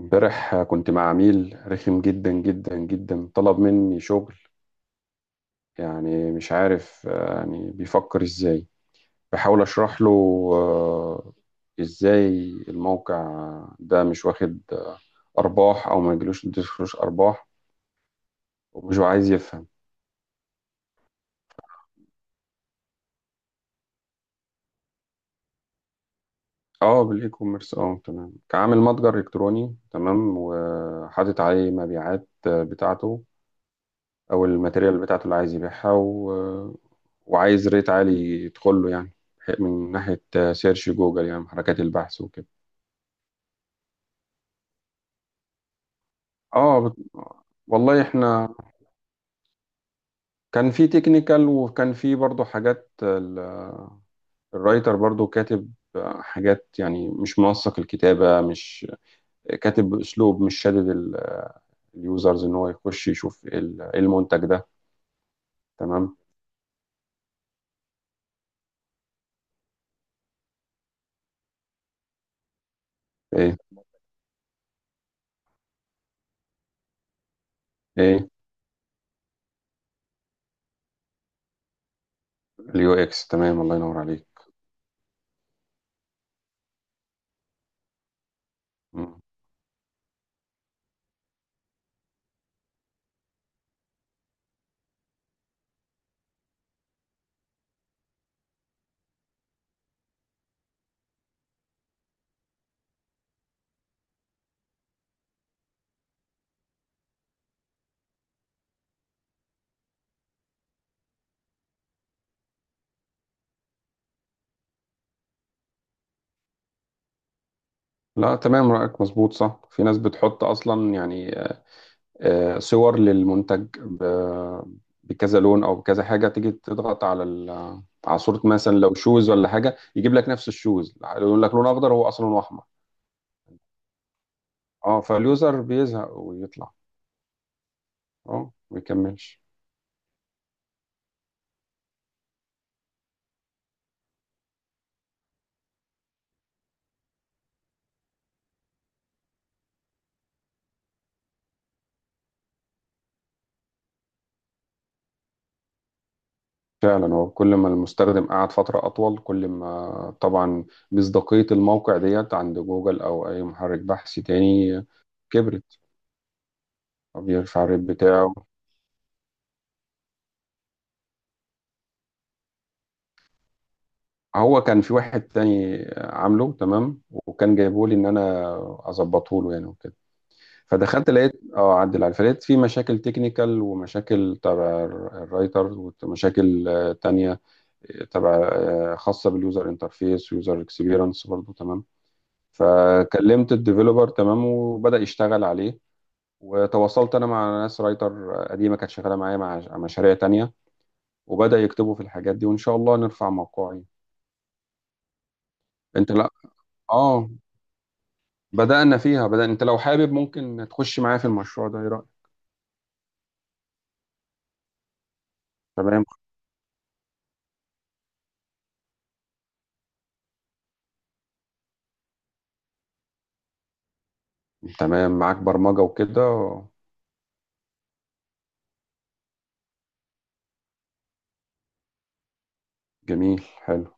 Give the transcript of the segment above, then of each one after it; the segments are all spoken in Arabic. امبارح كنت مع عميل رخم جدا جدا جدا طلب مني شغل. يعني مش عارف، يعني بيفكر ازاي. بحاول اشرح له. آه، ازاي الموقع ده مش واخد ارباح او ما يجيلوش يدخلوش ارباح، ومش هو عايز يفهم. اه، بالاي كوميرس. اه، تمام، كعامل متجر الكتروني تمام، وحاطط عليه مبيعات بتاعته. او الماتيريال بتاعته اللي عايز يبيعها، وعايز ريت عالي يدخل له يعني، من ناحية سيرش جوجل، يعني حركات البحث وكده. اه، والله احنا كان في تكنيكال، وكان في برضو حاجات الرايتر برضو كاتب حاجات، يعني مش منسق الكتابة، مش كاتب بأسلوب مش شادد اليوزرز ان هو يخش يشوف ايه إيه المنتج ده. تمام. ايه، ايه. اليو اكس، تمام، الله ينور عليك. مم. لا، تمام، رأيك مظبوط صح. في ناس بتحط اصلا يعني، صور للمنتج بكذا لون او بكذا حاجه، تيجي تضغط على على صوره مثلا، لو شوز ولا حاجه، يجيب لك نفس الشوز يقول لك لون اخضر، هو اصلا لونه احمر. اه، فاليوزر بيزهق ويطلع. اه، ما يكملش. فعلا، هو كل ما المستخدم قعد فتره اطول، كل ما طبعا مصداقيه الموقع ديت عند جوجل او اي محرك بحث تاني كبرت. بيرفع الريت بتاعه. هو كان في واحد تاني عامله تمام، وكان جايبه لي ان انا اظبطه له يعني وكده. فدخلت لقيت، اعدل عليه، فلقيت في مشاكل تكنيكال ومشاكل تبع الرايتر، ومشاكل تانية، آه، تبع آه، خاصة باليوزر انترفيس ويوزر اكسبيرينس برضه، تمام. فكلمت الديفيلوبر تمام، وبدأ يشتغل عليه. وتواصلت انا مع ناس رايتر قديمة كانت شغالة معايا، مع مشاريع تانية. وبدأ يكتبوا في الحاجات دي، وان شاء الله نرفع موقعي. انت، لا. اه، بدأنا فيها، انت لو حابب ممكن تخش معايا في المشروع ده، ايه رأيك؟ تمام. تمام، معاك برمجة وكده. جميل، حلو.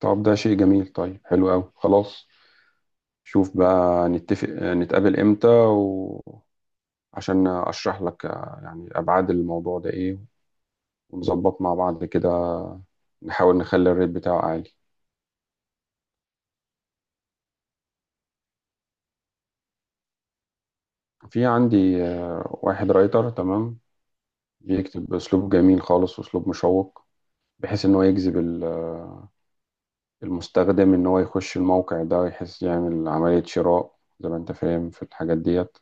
طب ده شيء جميل، طيب، حلو قوي، خلاص. شوف بقى نتفق نتقابل امتى، وعشان اشرح لك يعني ابعاد الموضوع ده ايه، ونظبط مع بعض كده. نحاول نخلي الريت بتاعه عالي. في عندي واحد رايتر تمام، بيكتب بأسلوب جميل خالص وأسلوب مشوق، بحيث إن هو يجذب المستخدم ان هو يخش الموقع ده، يحس يعمل عملية شراء، زي ما انت فاهم في الحاجات ديت،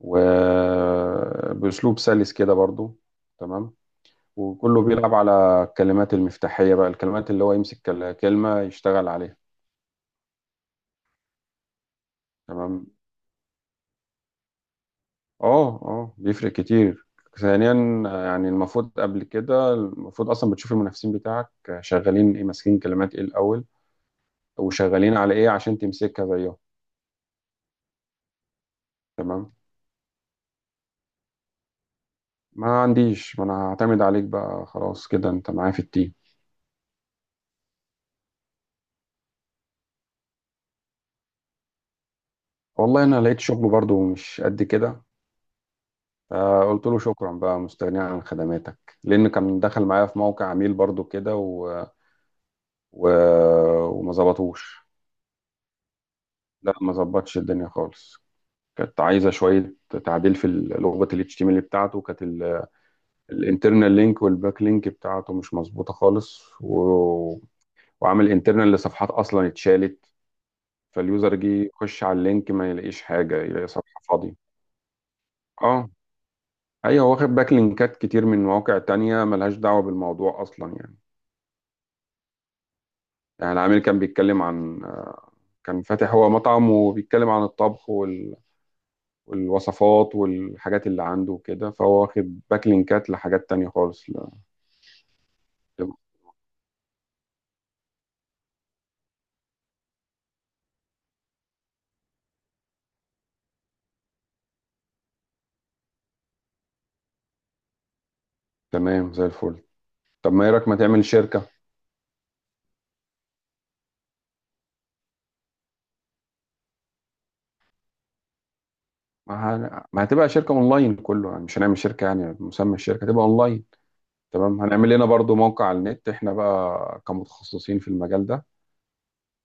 وبأسلوب سلس كده برضو، تمام. وكله بيلعب على الكلمات المفتاحية بقى، الكلمات اللي هو يمسك كلمة يشتغل عليها. تمام. اه، اه، بيفرق كتير. ثانيا، يعني المفروض قبل كده، المفروض اصلا بتشوف المنافسين بتاعك شغالين ايه، ماسكين كلمات ايه الاول، وشغالين على ايه عشان تمسكها زيهم. تمام. ما عنديش. ما انا هعتمد عليك بقى، خلاص كده انت معايا في التيم. والله انا لقيت شغل برضو مش قد كده، فقلت له شكرا بقى، مستغني عن خدماتك، لان كان دخل معايا في موقع عميل برضو كده، و... وما ظبطوش. لا، ما ظبطش الدنيا خالص. كانت عايزه شويه تعديل في لغه ال HTML بتاعته. كانت الانترنال لينك والباك لينك بتاعته مش مظبوطه خالص، وعامل انترنال لصفحات اصلا اتشالت، فاليوزر جه يخش على اللينك ما يلاقيش حاجة، يلاقي صفحة فاضية. اه. ايوه، واخد باك لينكات كتير من مواقع تانية ملهاش دعوة بالموضوع اصلا يعني. يعني العميل كان بيتكلم عن، كان فاتح هو مطعم، وبيتكلم عن الطبخ والوصفات والحاجات اللي عنده وكده، فهو واخد باك لينكات لحاجات تانية خالص لا. تمام، زي الفل. طب ما ايه رأيك ما تعمل شركة. ما ما هتبقى شركة اونلاين كله يعني، مش هنعمل شركة يعني، مسمى الشركة هتبقى اونلاين. تمام، هنعمل لنا برضو موقع على النت، احنا بقى كمتخصصين في المجال ده.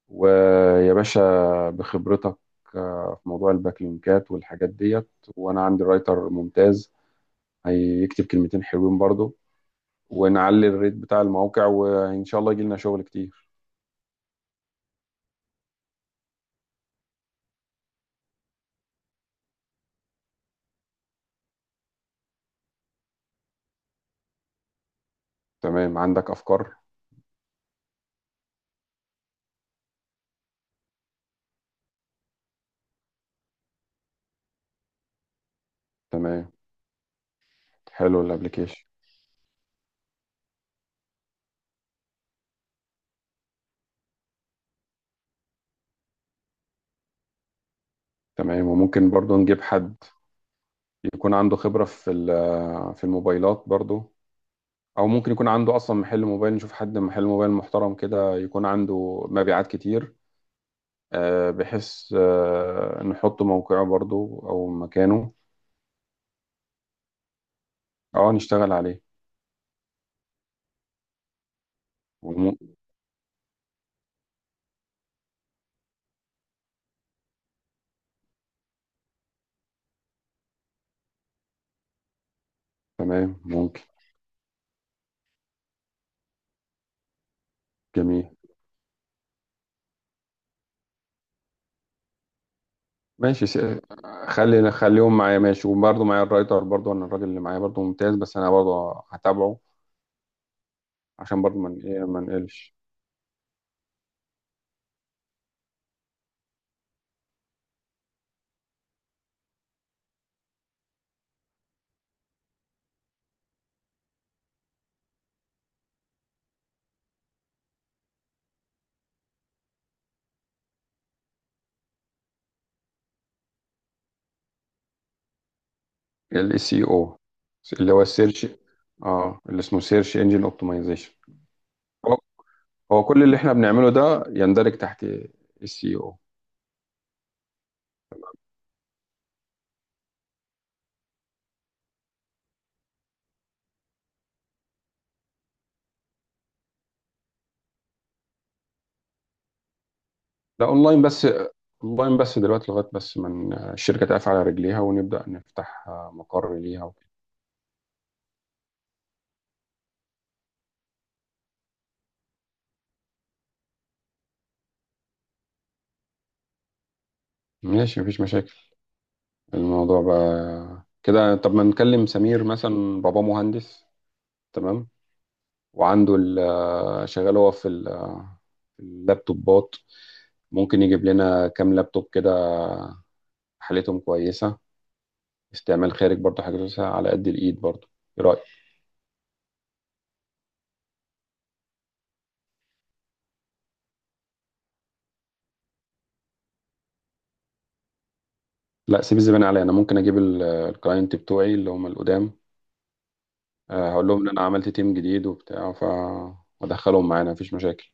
ويا باشا، بخبرتك في موضوع الباك لينكات والحاجات ديت، وانا عندي رايتر ممتاز هيكتب كلمتين حلوين برضو، ونعلي الريت بتاع الموقع، وان شاء الله يجي لنا شغل كتير. تمام، عندك افكار. تمام، حلو الابليكيشن. تمام، وممكن برضو نجيب حد يكون عنده خبرة في في الموبايلات برضو. او ممكن يكون عنده اصلا محل موبايل، نشوف حد محل موبايل محترم كده يكون عنده مبيعات كتير، بحيث نحط موقعه برضو او مكانه. اه، نشتغل عليه. وم... تمام، ممكن. جميل. ماشي، خليهم معايا. ماشي، وبرضه معايا الرايتر برضه، انا الراجل اللي معايا برضه ممتاز، بس انا برضه هتابعه، عشان برضه من ايه ما نقلش. السي او، اللي هو السيرش. اه، اللي اسمه سيرش انجن اوبتمايزيشن. هو كل اللي احنا بنعمله ده يندرج تحت السي او. ده اونلاين بس. اونلاين بس دلوقتي، لغايه بس من الشركه تقف على رجليها، ونبدا نفتح مقر ليها وكده. ماشي، مفيش مشاكل. الموضوع بقى كده، طب ما نكلم سمير مثلا، بابا مهندس، تمام، وعنده شغال هو في في اللابتوبات، ممكن يجيب لنا كام لابتوب كده حالتهم كويسه، استعمال خارج برضه حاجه كويسة على قد الايد برضه. ايه رايك؟ لا، سيب الزبالة عليا، انا ممكن اجيب الكلاينت بتوعي اللي هم القدام، هقول لهم ان انا عملت تيم جديد وبتاع، فادخلهم معانا، مفيش مشاكل.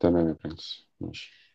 تمام يا برنس، ماشي.